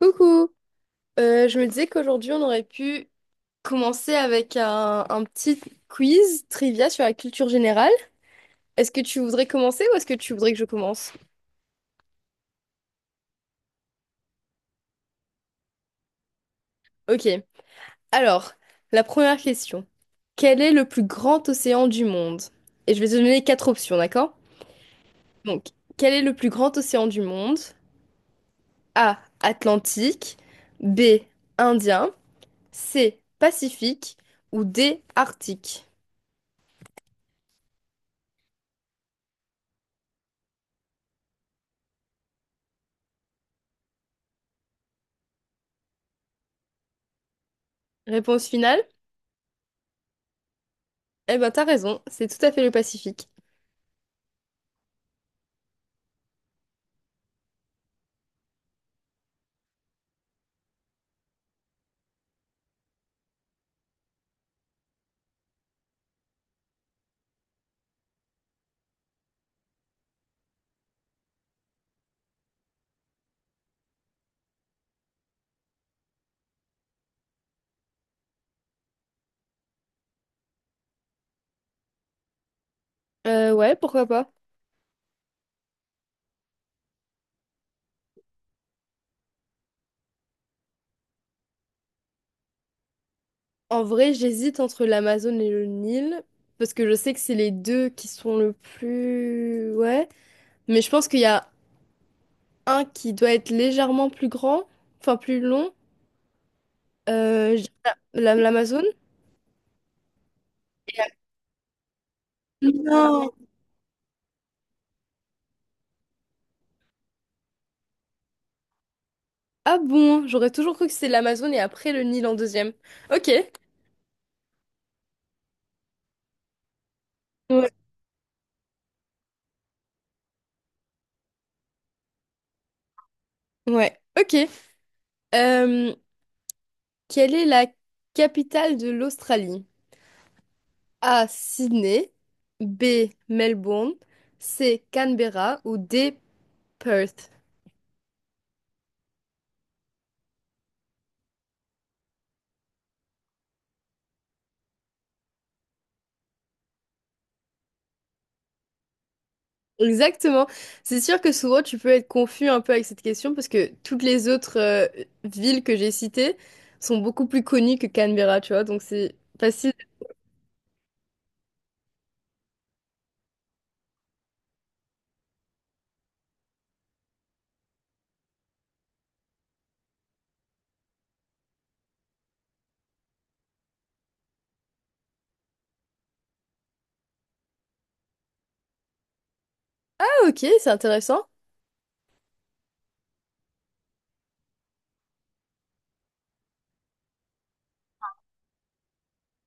Coucou. Je me disais qu'aujourd'hui on aurait pu commencer avec un petit quiz trivia sur la culture générale. Est-ce que tu voudrais commencer ou est-ce que tu voudrais que je commence? Ok, alors, la première question. Quel est le plus grand océan du monde? Et je vais te donner quatre options, d'accord? Donc, quel est le plus grand océan du monde? A. Atlantique, B. Indien, C. Pacifique ou D. Arctique. Réponse finale? Eh ben, t'as raison, c'est tout à fait le Pacifique. Ouais, pourquoi pas. En vrai, j'hésite entre l'Amazone et le Nil, parce que je sais que c'est les deux qui sont le plus... Ouais, mais je pense qu'il y a un qui doit être légèrement plus grand, enfin plus long, euh, je- l'Amazone. Et la- Non. Ah bon, j'aurais toujours cru que c'était l'Amazone et après le Nil en deuxième. Ok. Ouais. Ouais, ok. Euh, quelle est la capitale de l'Australie? A. Sydney. B. Melbourne. C. Canberra. Ou D. Perth. Exactement. C'est sûr que souvent tu peux être confus un peu avec cette question parce que toutes les autres villes que j'ai citées sont beaucoup plus connues que Canberra, tu vois. Donc c'est facile. Ah ok, c'est intéressant.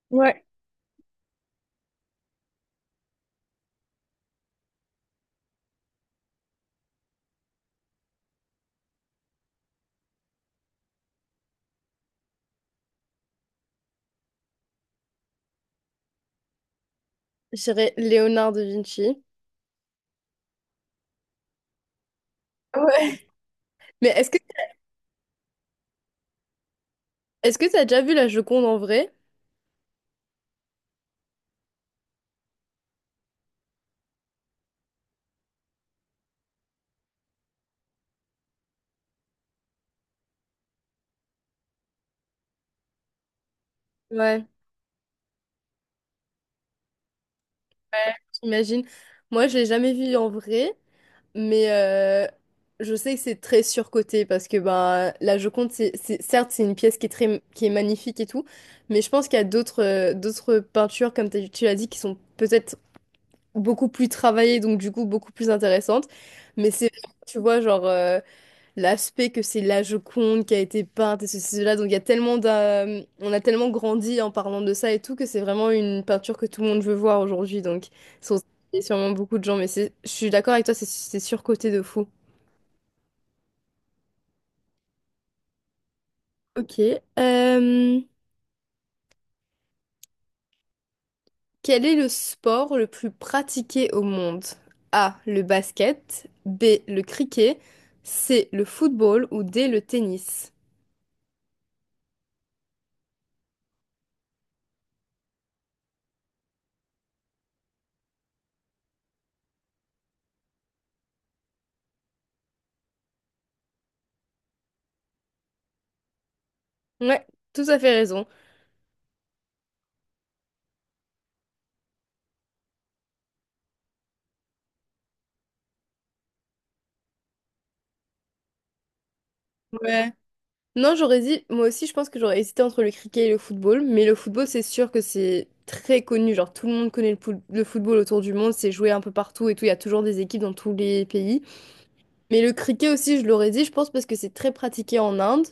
Ouais. J'irais Léonard de Vinci. Ouais. Mais est-ce que Est-ce que t'as déjà vu la Joconde en vrai? Ouais, j'imagine. Moi, je l'ai jamais vue en vrai, mais je sais que c'est très surcoté parce que ben la Joconde, certes, c'est une pièce qui est très, qui est magnifique et tout, mais je pense qu'il y a d'autres d'autres peintures, comme tu l'as dit, qui sont peut-être beaucoup plus travaillées, donc du coup beaucoup plus intéressantes. Mais c'est, tu vois, genre. L'aspect que c'est la Joconde qui a été peinte et ceci, cela. Donc il y a tellement d'a- On a tellement grandi en parlant de ça et tout que c'est vraiment une peinture que tout le monde veut voir aujourd'hui. Sur- il y a sûrement beaucoup de gens, mais c'est, je suis d'accord avec toi, c'est surcoté de fou. Ok. euh, quel est le sport le plus pratiqué au monde? A. Le basket. B. Le cricket. C. Le football. Ou D. Le tennis. Ouais, tout à fait raison. Ouais. Non, j'aurais dit, moi aussi, je pense que j'aurais hésité entre le cricket et le football, mais le football, c'est sûr que c'est très connu. Genre, tout le monde connaît le football autour du monde, c'est joué un peu partout et tout. Il y a toujours des équipes dans tous les pays. Mais le cricket aussi, je l'aurais dit, je pense, parce que c'est très pratiqué en Inde.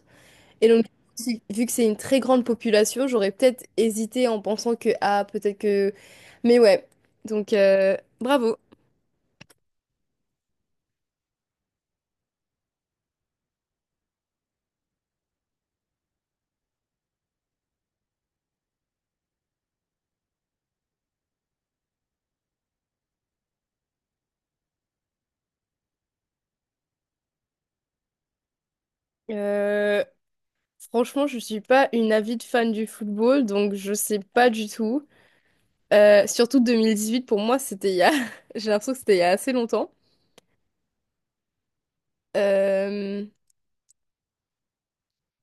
Et donc, vu que c'est une très grande population, j'aurais peut-être hésité en pensant que, ah, peut-être que. Mais ouais, donc, bravo. Euh, franchement, je suis pas une avide fan du football, donc je sais pas du tout. Surtout 2018, pour moi, c'était il y a... J'ai l'impression que c'était il y a assez longtemps. Euh,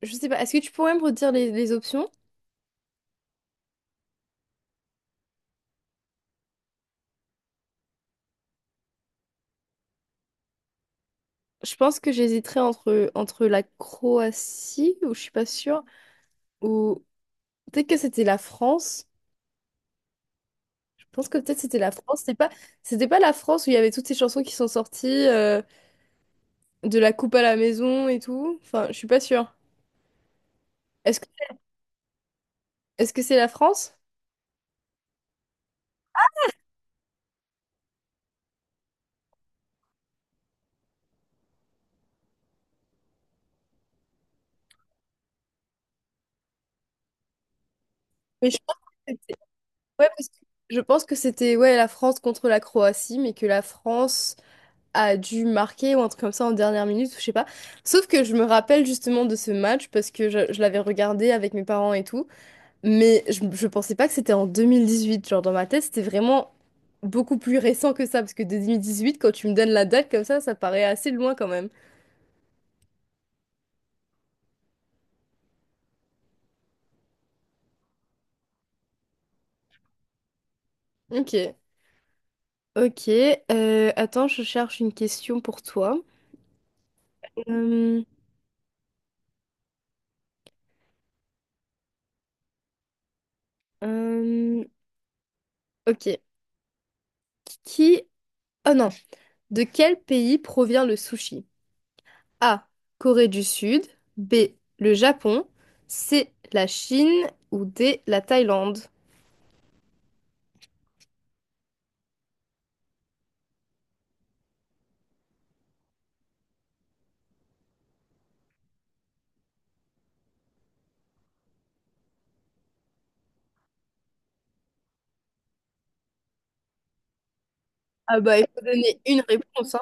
je sais pas, est-ce que tu pourrais me redire les options? Je pense que j'hésiterais entre la Croatie, ou je suis pas sûre, ou peut-être que c'était la France. Je pense que peut-être c'était la France. C'était pas la France où il y avait toutes ces chansons qui sont sorties, de la coupe à la maison et tout. Enfin, je suis pas sûre. Est-ce que, Est-ce que c'est la France? Mais je pense que c'était- ouais, parce que je pense que c'était ouais, la France contre la Croatie, mais que la France a dû marquer ou un truc comme ça en dernière minute, ou je sais pas. Sauf que je me rappelle justement de ce match parce que je l'avais regardé avec mes parents et tout, mais je pensais pas que c'était en 2018. Genre dans ma tête, c'était vraiment beaucoup plus récent que ça parce que 2018, quand tu me donnes la date comme ça paraît assez loin quand même. Ok. Ok, attends, je cherche une question pour toi. Euh, euh, ok. Qui... Oh non. De quel pays provient le sushi? A. Corée du Sud. B. Le Japon. C. La Chine. Ou D. La Thaïlande. Ah bah, il faut donner une réponse, hein.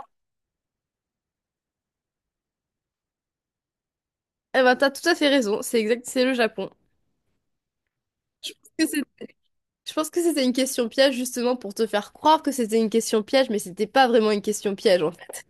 Eh ben, t'as tout à fait raison. C'est exact, c'est le Japon. Je pense que c'est- je pense que c'était une question piège, justement, pour te faire croire que c'était une question piège, mais c'était pas vraiment une question piège, en fait.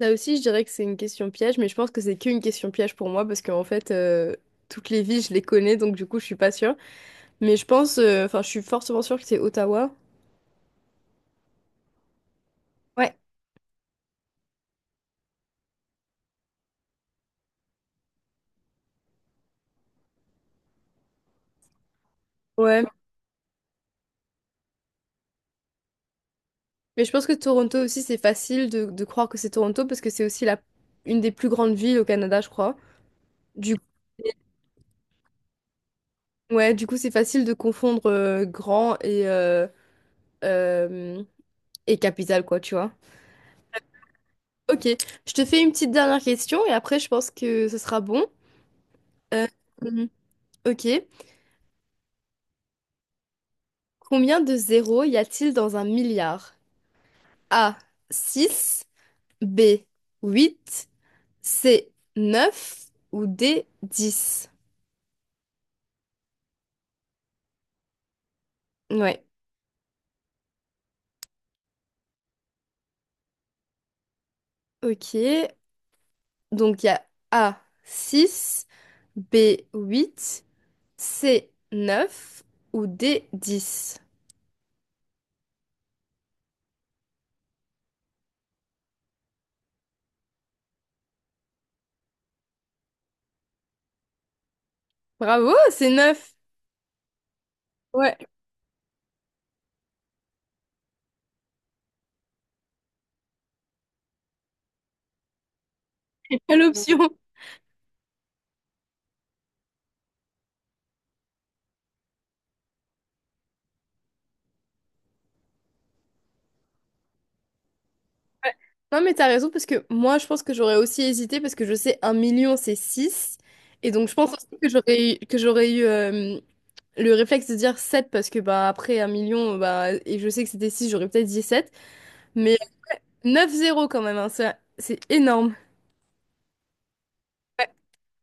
Là aussi, je dirais que c'est une question piège, mais je pense que c'est qu'une question piège pour moi, parce qu'en fait, toutes les villes, je les connais, donc du coup, je suis pas sûre. Mais je pense, enfin, je suis fortement sûre que c'est Ottawa. Ouais. Ouais. Mais je pense que Toronto aussi, c'est facile de croire que c'est Toronto parce que c'est aussi une des plus grandes villes au Canada, je crois. Du ouais, du coup, c'est facile de confondre grand euh, et capitale, quoi, tu vois. Ok, je te fais une petite dernière question et après, je pense que ce sera bon. Euh, mhm. Ok, combien de zéros y a-t-il dans un milliard? A, 6, B, 8, C, 9 ou D, dix. Ouais, ok. Donc il y a A 6, B 8, C 9 ou D 10. Bravo, c'est neuf. Ouais, quelle option? Non mais t'as raison parce que moi je pense que j'aurais aussi hésité parce que je sais un million c'est 6 et donc je pense aussi que que j'aurais eu le réflexe de dire 7 parce que bah après un million bah et je sais que c'était 6 j'aurais peut-être dit 7 mais neuf zéro quand même hein, ça, c'est énorme.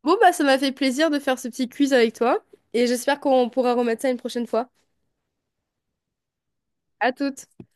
Bon, bah, ça m'a fait plaisir de faire ce petit quiz avec toi et j'espère qu'on pourra remettre ça une prochaine fois. À toutes!